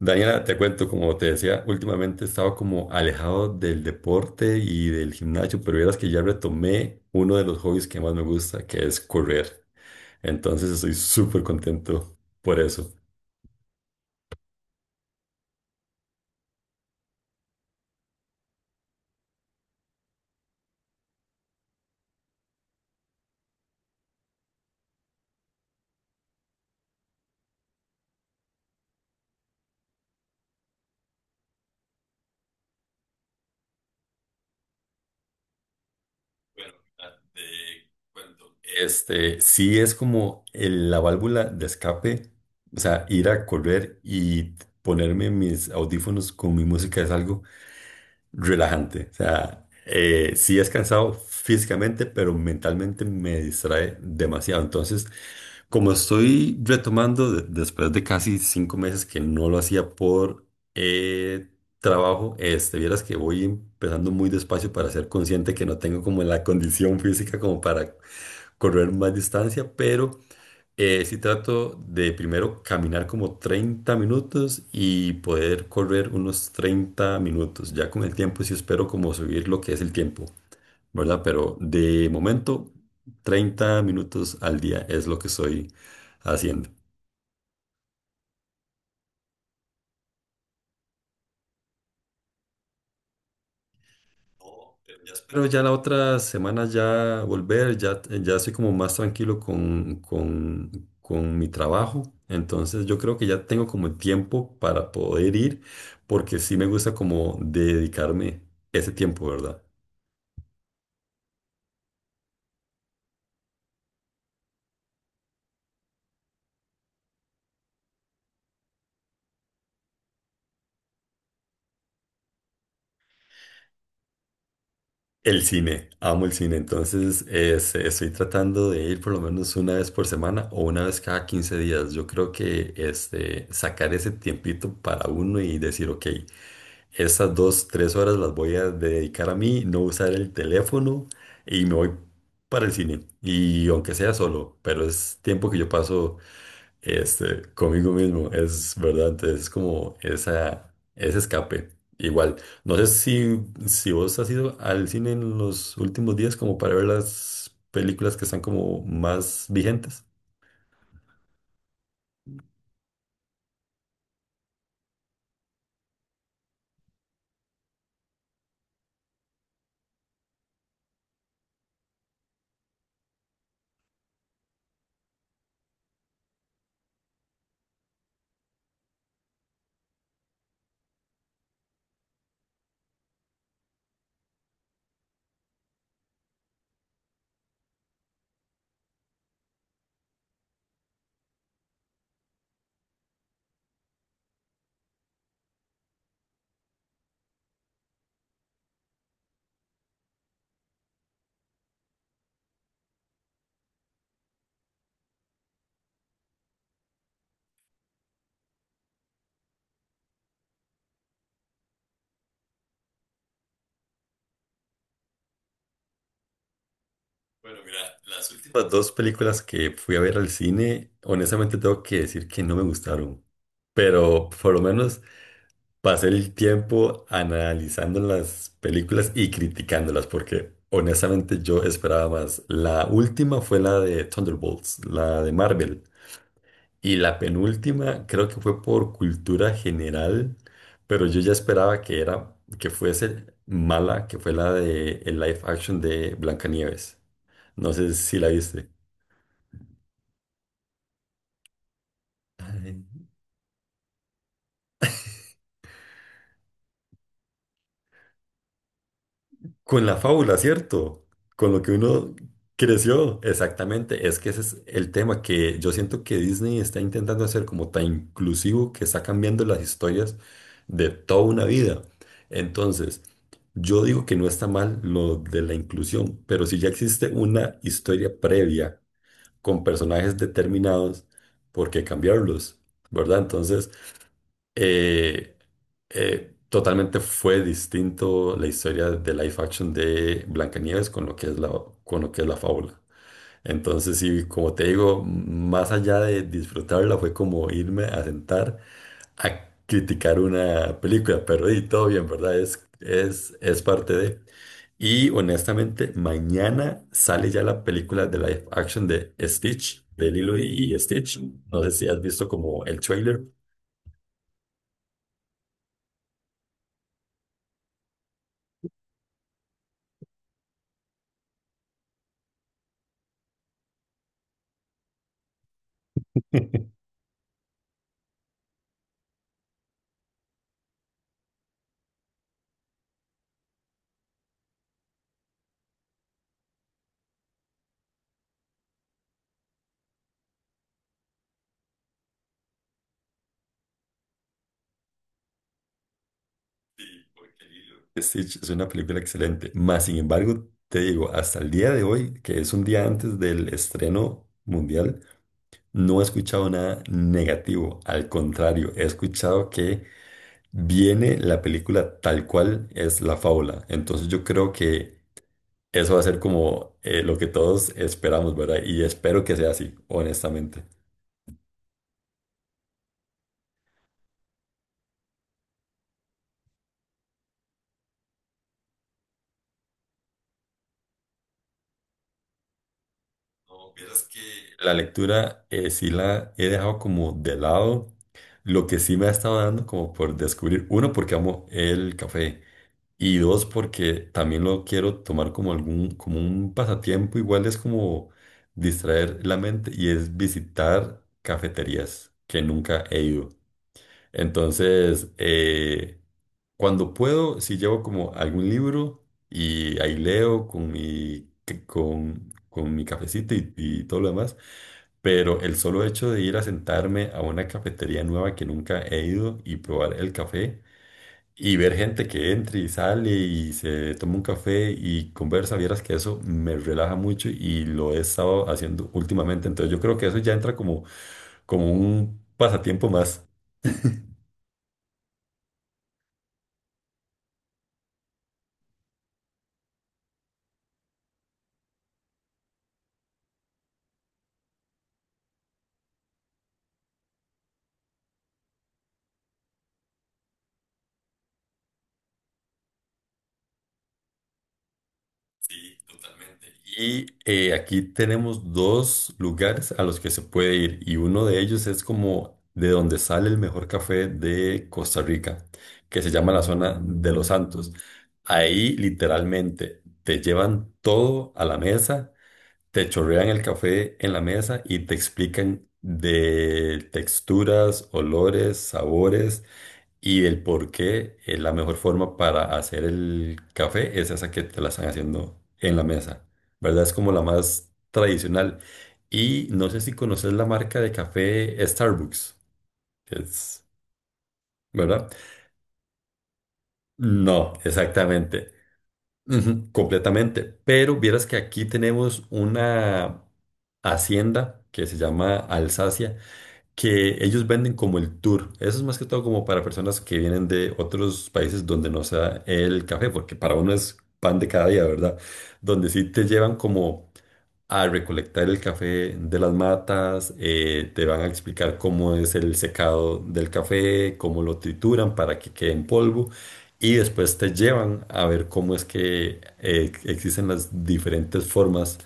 Daniela, te cuento, como te decía, últimamente he estado como alejado del deporte y del gimnasio, pero vieras que ya retomé uno de los hobbies que más me gusta, que es correr. Entonces estoy súper contento por eso. Bueno, mira, te cuento. Sí es como la válvula de escape, o sea, ir a correr y ponerme mis audífonos con mi música es algo relajante. O sea, sí es cansado físicamente, pero mentalmente me distrae demasiado. Entonces, como estoy retomando después de casi 5 meses que no lo hacía por eh, trabajo, vieras que voy empezando muy despacio para ser consciente que no tengo como la condición física como para correr más distancia, pero sí trato de primero caminar como 30 minutos y poder correr unos 30 minutos. Ya con el tiempo sí espero como subir lo que es el tiempo, ¿verdad? Pero de momento 30 minutos al día es lo que estoy haciendo. No, pero ya espero ya la otra semana ya volver, ya, ya estoy como más tranquilo con, con mi trabajo. Entonces yo creo que ya tengo como el tiempo para poder ir, porque sí me gusta como dedicarme ese tiempo, ¿verdad? El cine, amo el cine, entonces estoy tratando de ir por lo menos una vez por semana o una vez cada 15 días. Yo creo que sacar ese tiempito para uno y decir, ok. Esas dos, tres horas las voy a dedicar a mí, no usar el teléfono y me voy para el cine. Y aunque sea solo, pero es tiempo que yo paso conmigo mismo, es verdad. Entonces es como ese escape. Igual, no sé si vos has ido al cine en los últimos días como para ver las películas que están como más vigentes. Bueno, mira, las últimas dos películas que fui a ver al cine, honestamente tengo que decir que no me gustaron, pero por lo menos pasé el tiempo analizando las películas y criticándolas, porque honestamente yo esperaba más. La última fue la de Thunderbolts, la de Marvel, y la penúltima creo que fue por cultura general, pero yo ya esperaba que era, que fuese mala, que fue la de el live action de Blancanieves. No sé si la viste. Con la fábula, ¿cierto? Con lo que uno creció. Exactamente. Es que ese es el tema que yo siento que Disney está intentando hacer como tan inclusivo que está cambiando las historias de toda una vida. Entonces, yo digo que no está mal lo de la inclusión, pero si ya existe una historia previa con personajes determinados, ¿por qué cambiarlos? ¿Verdad? Entonces, eh, totalmente fue distinto la historia de live action de Blancanieves con lo que es con lo que es la fábula. Entonces, sí, como te digo, más allá de disfrutarla, fue como irme a sentar a criticar una película, pero y todo bien, ¿verdad? Es parte de... Y honestamente, mañana sale ya la película de live action de Stitch, de Lilo y Stitch. No sé si has visto como el trailer. Stitch es una película excelente. Más sin embargo, te digo, hasta el día de hoy, que es un día antes del estreno mundial, no he escuchado nada negativo. Al contrario, he escuchado que viene la película tal cual es la fábula. Entonces yo creo que eso va a ser como lo que todos esperamos, ¿verdad? Y espero que sea así, honestamente. No, vieras que la lectura sí la he dejado como de lado. Lo que sí me ha estado dando como por descubrir, uno, porque amo el café y dos, porque también lo quiero tomar como algún, como un pasatiempo, igual es como distraer la mente y es visitar cafeterías que nunca he ido. Entonces, cuando puedo, si llevo como algún libro y ahí leo con con mi cafecito y todo lo demás, pero el solo hecho de ir a sentarme a una cafetería nueva que nunca he ido y probar el café y ver gente que entra y sale y se toma un café y conversa, vieras que eso me relaja mucho y lo he estado haciendo últimamente, entonces yo creo que eso ya entra como, como un pasatiempo más. Sí, totalmente. Y aquí tenemos dos lugares a los que se puede ir y uno de ellos es como de donde sale el mejor café de Costa Rica, que se llama la zona de Los Santos. Ahí literalmente te llevan todo a la mesa, te chorrean el café en la mesa y te explican de texturas, olores, sabores y del por qué la mejor forma para hacer el café es esa que te la están haciendo en la mesa, ¿verdad? Es como la más tradicional. Y no sé si conoces la marca de café Starbucks, es, ¿verdad? No, exactamente. Ujú, completamente. Pero vieras que aquí tenemos una hacienda que se llama Alsacia, que ellos venden como el tour. Eso es más que todo como para personas que vienen de otros países donde no sea el café, porque para uno es pan de cada día, ¿verdad? Donde sí te llevan como a recolectar el café de las matas, te van a explicar cómo es el secado del café, cómo lo trituran para que quede en polvo. Y después te llevan a ver cómo es que existen las diferentes formas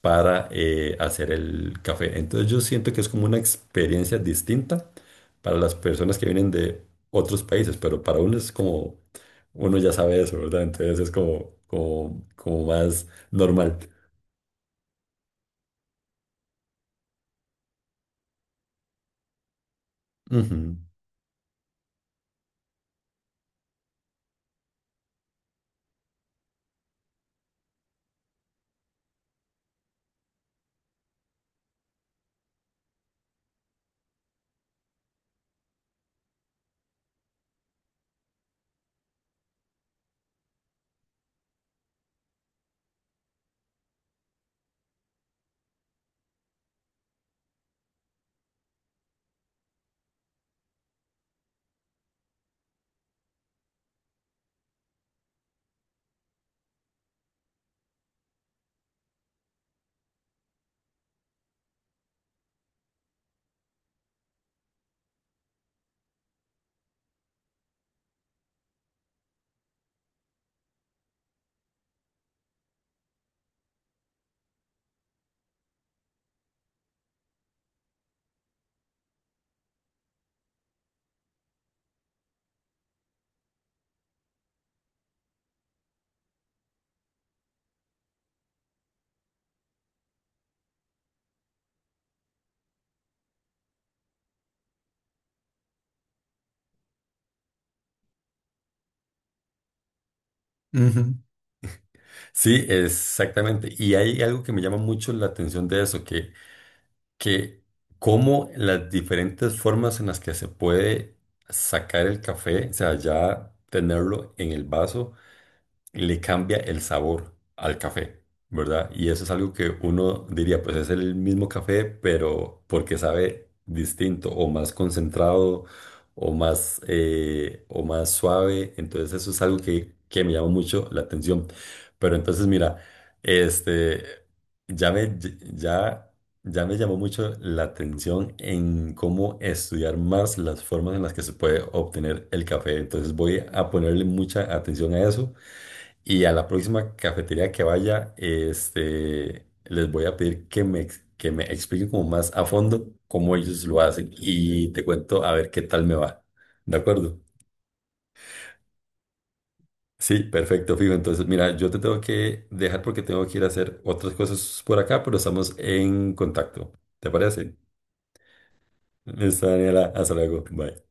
para hacer el café. Entonces yo siento que es como una experiencia distinta para las personas que vienen de otros países, pero para uno es como, uno ya sabe eso, ¿verdad? Entonces es como como más normal. Ujú. Ujú. Sí, exactamente. Y hay algo que me llama mucho la atención de eso, que cómo las diferentes formas en las que se puede sacar el café, o sea, ya tenerlo en el vaso le cambia el sabor al café, ¿verdad? Y eso es algo que uno diría, pues es el mismo café, pero porque sabe distinto o más concentrado o más suave. Entonces eso es algo que me llama mucho la atención. Pero entonces mira, este, ya me, ya... Ya me llamó mucho la atención en cómo estudiar más las formas en las que se puede obtener el café. Entonces voy a ponerle mucha atención a eso y a la próxima cafetería que vaya, les voy a pedir que que me expliquen como más a fondo cómo ellos lo hacen y te cuento a ver qué tal me va. ¿De acuerdo? Sí, perfecto, fijo. Entonces, mira, yo te tengo que dejar porque tengo que ir a hacer otras cosas por acá, pero estamos en contacto. ¿Te parece? Listo, Daniela. Hasta luego. Bye.